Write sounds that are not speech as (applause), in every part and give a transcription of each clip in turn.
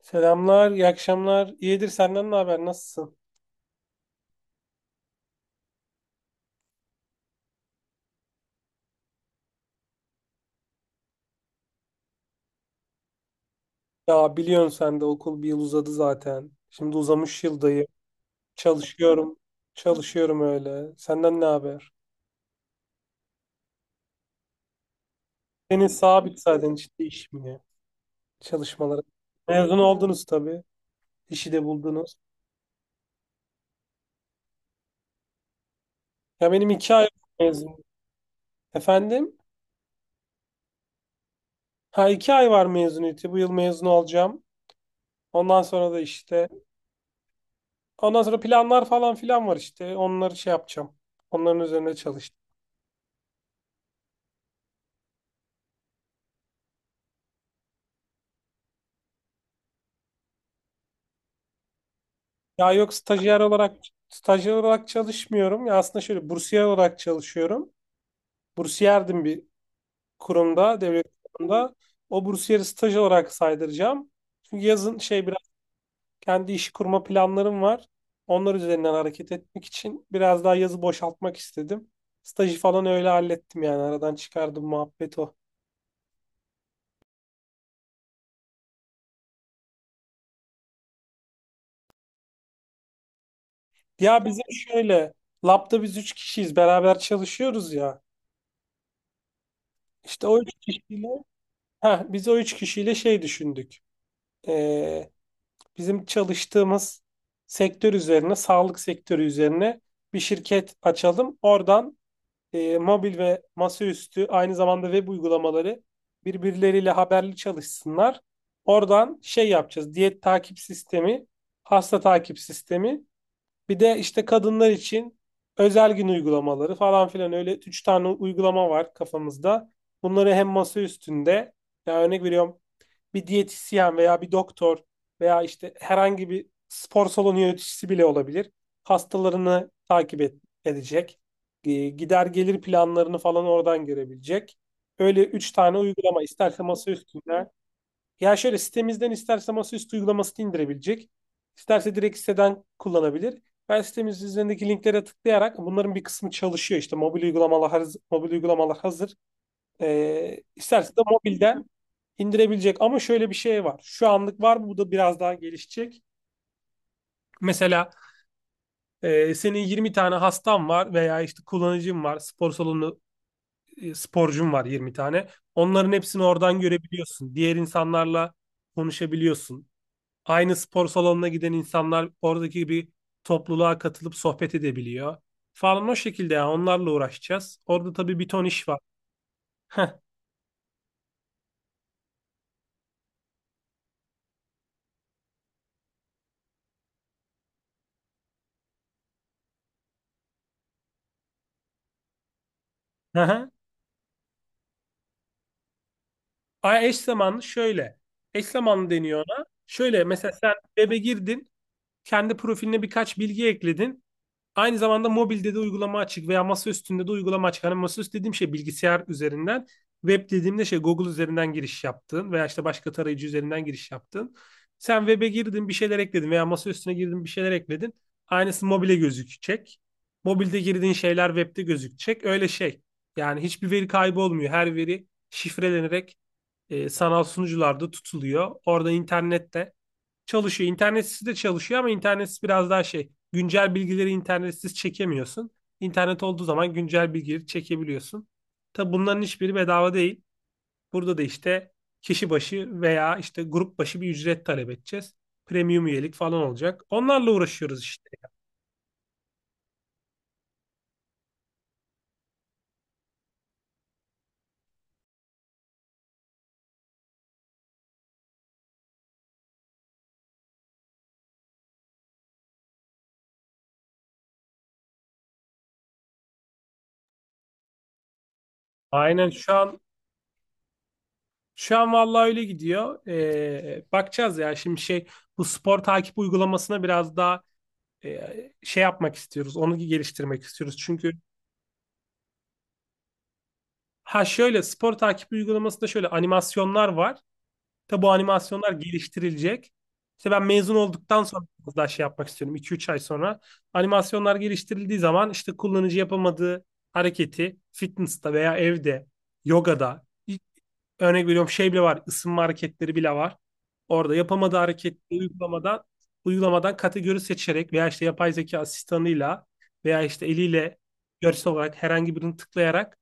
Selamlar, iyi akşamlar. İyidir senden ne haber? Nasılsın? Ya biliyorsun sen de okul bir yıl uzadı zaten. Şimdi uzamış yıldayım. Çalışıyorum. Çalışıyorum öyle. Senden ne haber? Senin sabit zaten işte iş mi? Ya? Çalışmaları. Mezun oldunuz tabii. İşi de buldunuz. Ya benim iki ay mezun. Efendim? Ha iki ay var mezuniyeti. Bu yıl mezun olacağım. Ondan sonra da işte. Ondan sonra planlar falan filan var işte. Onları şey yapacağım. Onların üzerine çalışacağım. Ya yok stajyer olarak çalışmıyorum. Ya aslında şöyle bursiyer olarak çalışıyorum. Bursiyerdim bir kurumda, devlet kurumunda. O bursiyeri staj olarak saydıracağım. Çünkü yazın şey biraz kendi işi kurma planlarım var. Onlar üzerinden hareket etmek için biraz daha yazı boşaltmak istedim. Stajı falan öyle hallettim yani aradan çıkardım muhabbet o. Ya bizim şöyle labda biz üç kişiyiz beraber çalışıyoruz ya. İşte o üç kişiyle, biz o üç kişiyle şey düşündük. e, Bizim çalıştığımız sektör üzerine, sağlık sektörü üzerine bir şirket açalım. Oradan mobil ve masaüstü aynı zamanda web uygulamaları birbirleriyle haberli çalışsınlar. Oradan şey yapacağız. Diyet takip sistemi, hasta takip sistemi. Bir de işte kadınlar için özel gün uygulamaları falan filan, öyle 3 tane uygulama var kafamızda. Bunları hem masa üstünde, ya örnek veriyorum, bir diyetisyen veya bir doktor veya işte herhangi bir spor salonu yöneticisi bile olabilir. Hastalarını takip edecek. Gider gelir planlarını falan oradan görebilecek. Öyle üç tane uygulama isterse masaüstünden. Ya şöyle sitemizden isterse masaüstü uygulamasını indirebilecek. İsterse direkt siteden kullanabilir. Ben sitemizin üzerindeki linklere tıklayarak bunların bir kısmı çalışıyor. İşte mobil uygulamalar, mobil uygulamalar hazır. İsterse de mobilden indirebilecek. Ama şöyle bir şey var. Şu anlık var. Bu da biraz daha gelişecek. Mesela senin 20 tane hastan var veya işte kullanıcın var. Spor salonu, sporcun var 20 tane. Onların hepsini oradan görebiliyorsun. Diğer insanlarla konuşabiliyorsun. Aynı spor salonuna giden insanlar oradaki bir topluluğa katılıp sohbet edebiliyor. Falan o şekilde yani onlarla uğraşacağız. Orada tabii bir ton iş var. (laughs) Ay eş zamanlı şöyle. Eş zamanlı deniyor ona. Şöyle mesela sen web'e girdin. Kendi profiline birkaç bilgi ekledin. Aynı zamanda mobilde de uygulama açık veya masa üstünde de uygulama açık. Hani masaüstü dediğim şey bilgisayar üzerinden. Web dediğimde şey Google üzerinden giriş yaptın veya işte başka tarayıcı üzerinden giriş yaptın. Sen web'e girdin bir şeyler ekledin veya masa üstüne girdin bir şeyler ekledin. Aynısı mobile gözükecek. Mobilde girdiğin şeyler web'de gözükecek. Öyle şey. Yani hiçbir veri kaybı olmuyor. Her veri şifrelenerek, sanal sunucularda tutuluyor. Orada internette çalışıyor. İnternetsiz de çalışıyor ama internetsiz biraz daha şey. Güncel bilgileri internetsiz çekemiyorsun. İnternet olduğu zaman güncel bilgileri çekebiliyorsun. Tabi bunların hiçbiri bedava değil. Burada da işte kişi başı veya işte grup başı bir ücret talep edeceğiz. Premium üyelik falan olacak. Onlarla uğraşıyoruz işte. Aynen şu an vallahi öyle gidiyor. Bakacağız ya şimdi şey, bu spor takip uygulamasına biraz daha şey yapmak istiyoruz. Onu geliştirmek istiyoruz. Çünkü ha şöyle spor takip uygulamasında şöyle animasyonlar var. Tabi bu animasyonlar geliştirilecek. İşte ben mezun olduktan sonra biraz daha şey yapmak istiyorum. 2 üç ay sonra. Animasyonlar geliştirildiği zaman işte kullanıcı yapamadığı hareketi fitness'ta veya evde, yogada örnek veriyorum şey bile var. Isınma hareketleri bile var. Orada yapamadığı hareketi uygulamadan kategori seçerek veya işte yapay zeka asistanıyla veya işte eliyle görsel olarak herhangi birini tıklayarak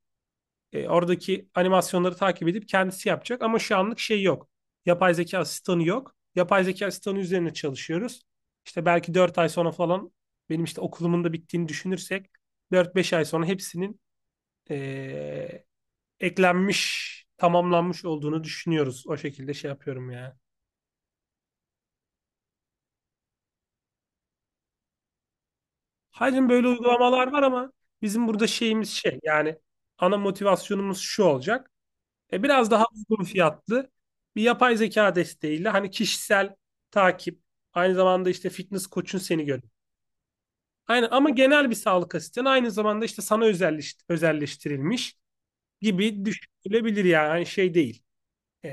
oradaki animasyonları takip edip kendisi yapacak ama şu anlık şey yok. Yapay zeka asistanı yok. Yapay zeka asistanı üzerine çalışıyoruz. İşte belki 4 ay sonra falan, benim işte okulumun da bittiğini düşünürsek dört beş ay sonra hepsinin e, eklenmiş, tamamlanmış olduğunu düşünüyoruz. O şekilde şey yapıyorum yani. Hayır böyle uygulamalar var ama bizim burada şeyimiz şey yani ana motivasyonumuz şu olacak. Biraz daha uygun fiyatlı bir yapay zeka desteğiyle hani kişisel takip, aynı zamanda işte fitness koçun seni görüyor. Aynen ama genel bir sağlık asistanı, aynı zamanda işte sana özelleş, özelleştirilmiş gibi düşünülebilir yani. Hani şey değil. E,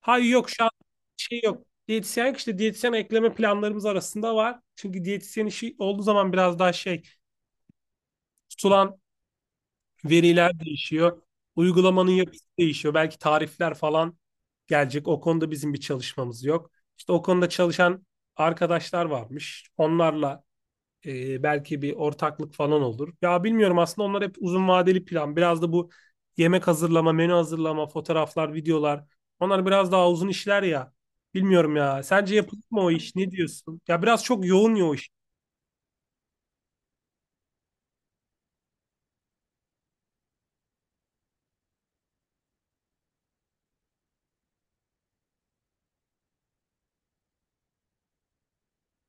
hayır yok şu an şey yok. Diyetisyen, işte diyetisyen ekleme planlarımız arasında var. Çünkü diyetisyen işi olduğu zaman biraz daha şey, tutulan veriler değişiyor. Uygulamanın yapısı değişiyor. Belki tarifler falan gelecek. O konuda bizim bir çalışmamız yok. İşte o konuda çalışan arkadaşlar varmış. Onlarla belki bir ortaklık falan olur. Ya bilmiyorum aslında, onlar hep uzun vadeli plan. Biraz da bu yemek hazırlama, menü hazırlama, fotoğraflar, videolar. Onlar biraz daha uzun işler ya. Bilmiyorum ya. Sence yapılır mı o iş? Ne diyorsun? Ya biraz çok yoğun ya o iş.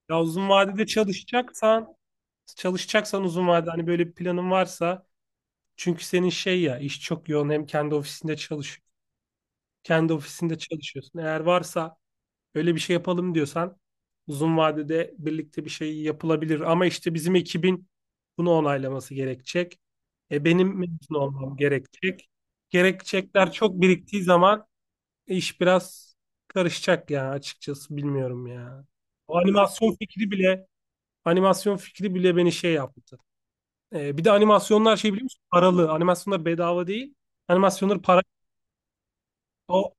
Ya uzun vadede çalışacaksan uzun vadede hani böyle bir planın varsa. Çünkü senin şey, ya iş çok yoğun, hem kendi ofisinde çalışıyorsun. Eğer varsa öyle bir şey yapalım diyorsan uzun vadede birlikte bir şey yapılabilir. Ama işte bizim ekibin bunu onaylaması gerekecek. Benim mezun olmam gerekecek. Gerekçekler çok biriktiği zaman iş biraz karışacak ya, açıkçası bilmiyorum ya. O animasyon fikri bile animasyon fikri bile beni şey yaptı. Bir de animasyonlar şey, biliyor musun? Paralı. Animasyonlar bedava değil. Animasyonlar para. O,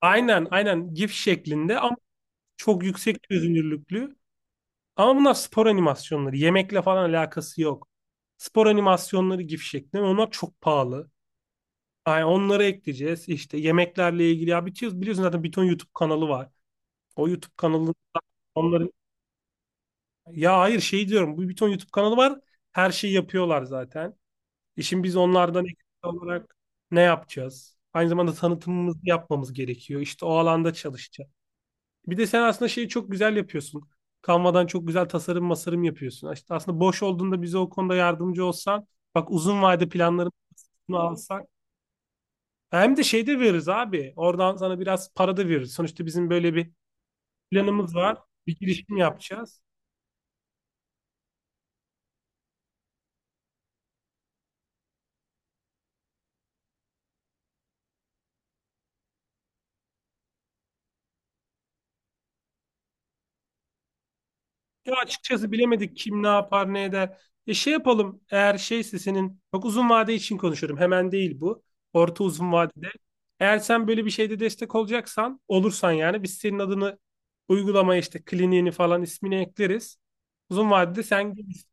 aynen aynen GIF şeklinde ama çok yüksek çözünürlüklü. Ama bunlar spor animasyonları. Yemekle falan alakası yok. Spor animasyonları GIF şeklinde. Ve onlar çok pahalı. Yani onları ekleyeceğiz. İşte yemeklerle ilgili. Ya biliyorsun, biliyorsun zaten bir ton YouTube kanalı var. O YouTube kanalı onların... Ya hayır şey diyorum. Bu bir ton YouTube kanalı var. Her şeyi yapıyorlar zaten. Şimdi biz onlardan eksik olarak ne yapacağız? Aynı zamanda tanıtımımızı yapmamız gerekiyor. İşte o alanda çalışacağız. Bir de sen aslında şeyi çok güzel yapıyorsun. Canva'dan çok güzel tasarım masarım yapıyorsun. İşte aslında boş olduğunda bize o konuda yardımcı olsan, bak, uzun vade planlarımızı alsak. Hem de şey de veririz abi. Oradan sana biraz para da veririz. Sonuçta bizim böyle bir planımız var. Bir girişim yapacağız. Ya açıkçası bilemedik kim ne yapar ne eder. Şey yapalım, eğer şeyse, senin çok uzun vade için konuşuyorum, hemen değil bu. Orta uzun vadede. Eğer sen böyle bir şeyde destek olacaksan, olursan, yani biz senin adını uygulamaya, işte kliniğini falan, ismini ekleriz. Uzun vadede sen gelirsin.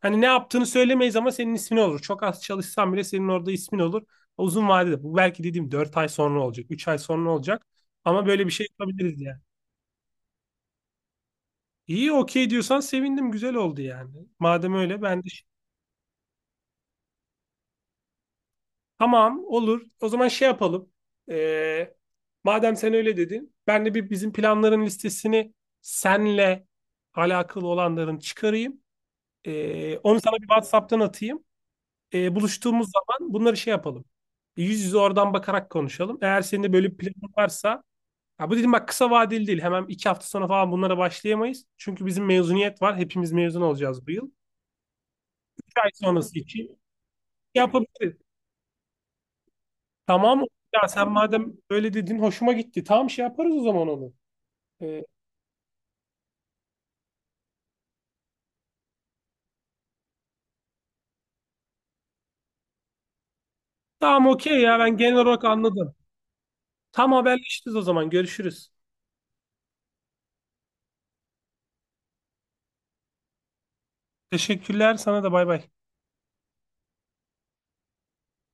Hani ne yaptığını söylemeyiz ama senin ismin olur. Çok az çalışsan bile senin orada ismin olur. Uzun vadede bu, belki dediğim 4 ay sonra olacak, 3 ay sonra olacak. Ama böyle bir şey yapabiliriz yani. İyi, okey diyorsan sevindim, güzel oldu yani. Madem öyle ben de tamam, olur. O zaman şey yapalım. Ee, Madem sen öyle dedin, ben de bir bizim planların listesini, senle alakalı olanların çıkarayım. Onu sana bir WhatsApp'tan atayım. Buluştuğumuz zaman bunları şey yapalım. Yüz yüze oradan bakarak konuşalım. Eğer senin de böyle bir planın varsa, ya bu dedim bak, kısa vadeli değil. Hemen iki hafta sonra falan bunlara başlayamayız. Çünkü bizim mezuniyet var. Hepimiz mezun olacağız bu yıl. Üç ay sonrası için yapabiliriz. Tamam. Ya sen madem öyle dedin hoşuma gitti. Tamam, şey yaparız o zaman onu. Ee, tamam okey ya, ben genel olarak anladım. Tam haberleşiriz o zaman. Görüşürüz. Teşekkürler, sana da bay bay.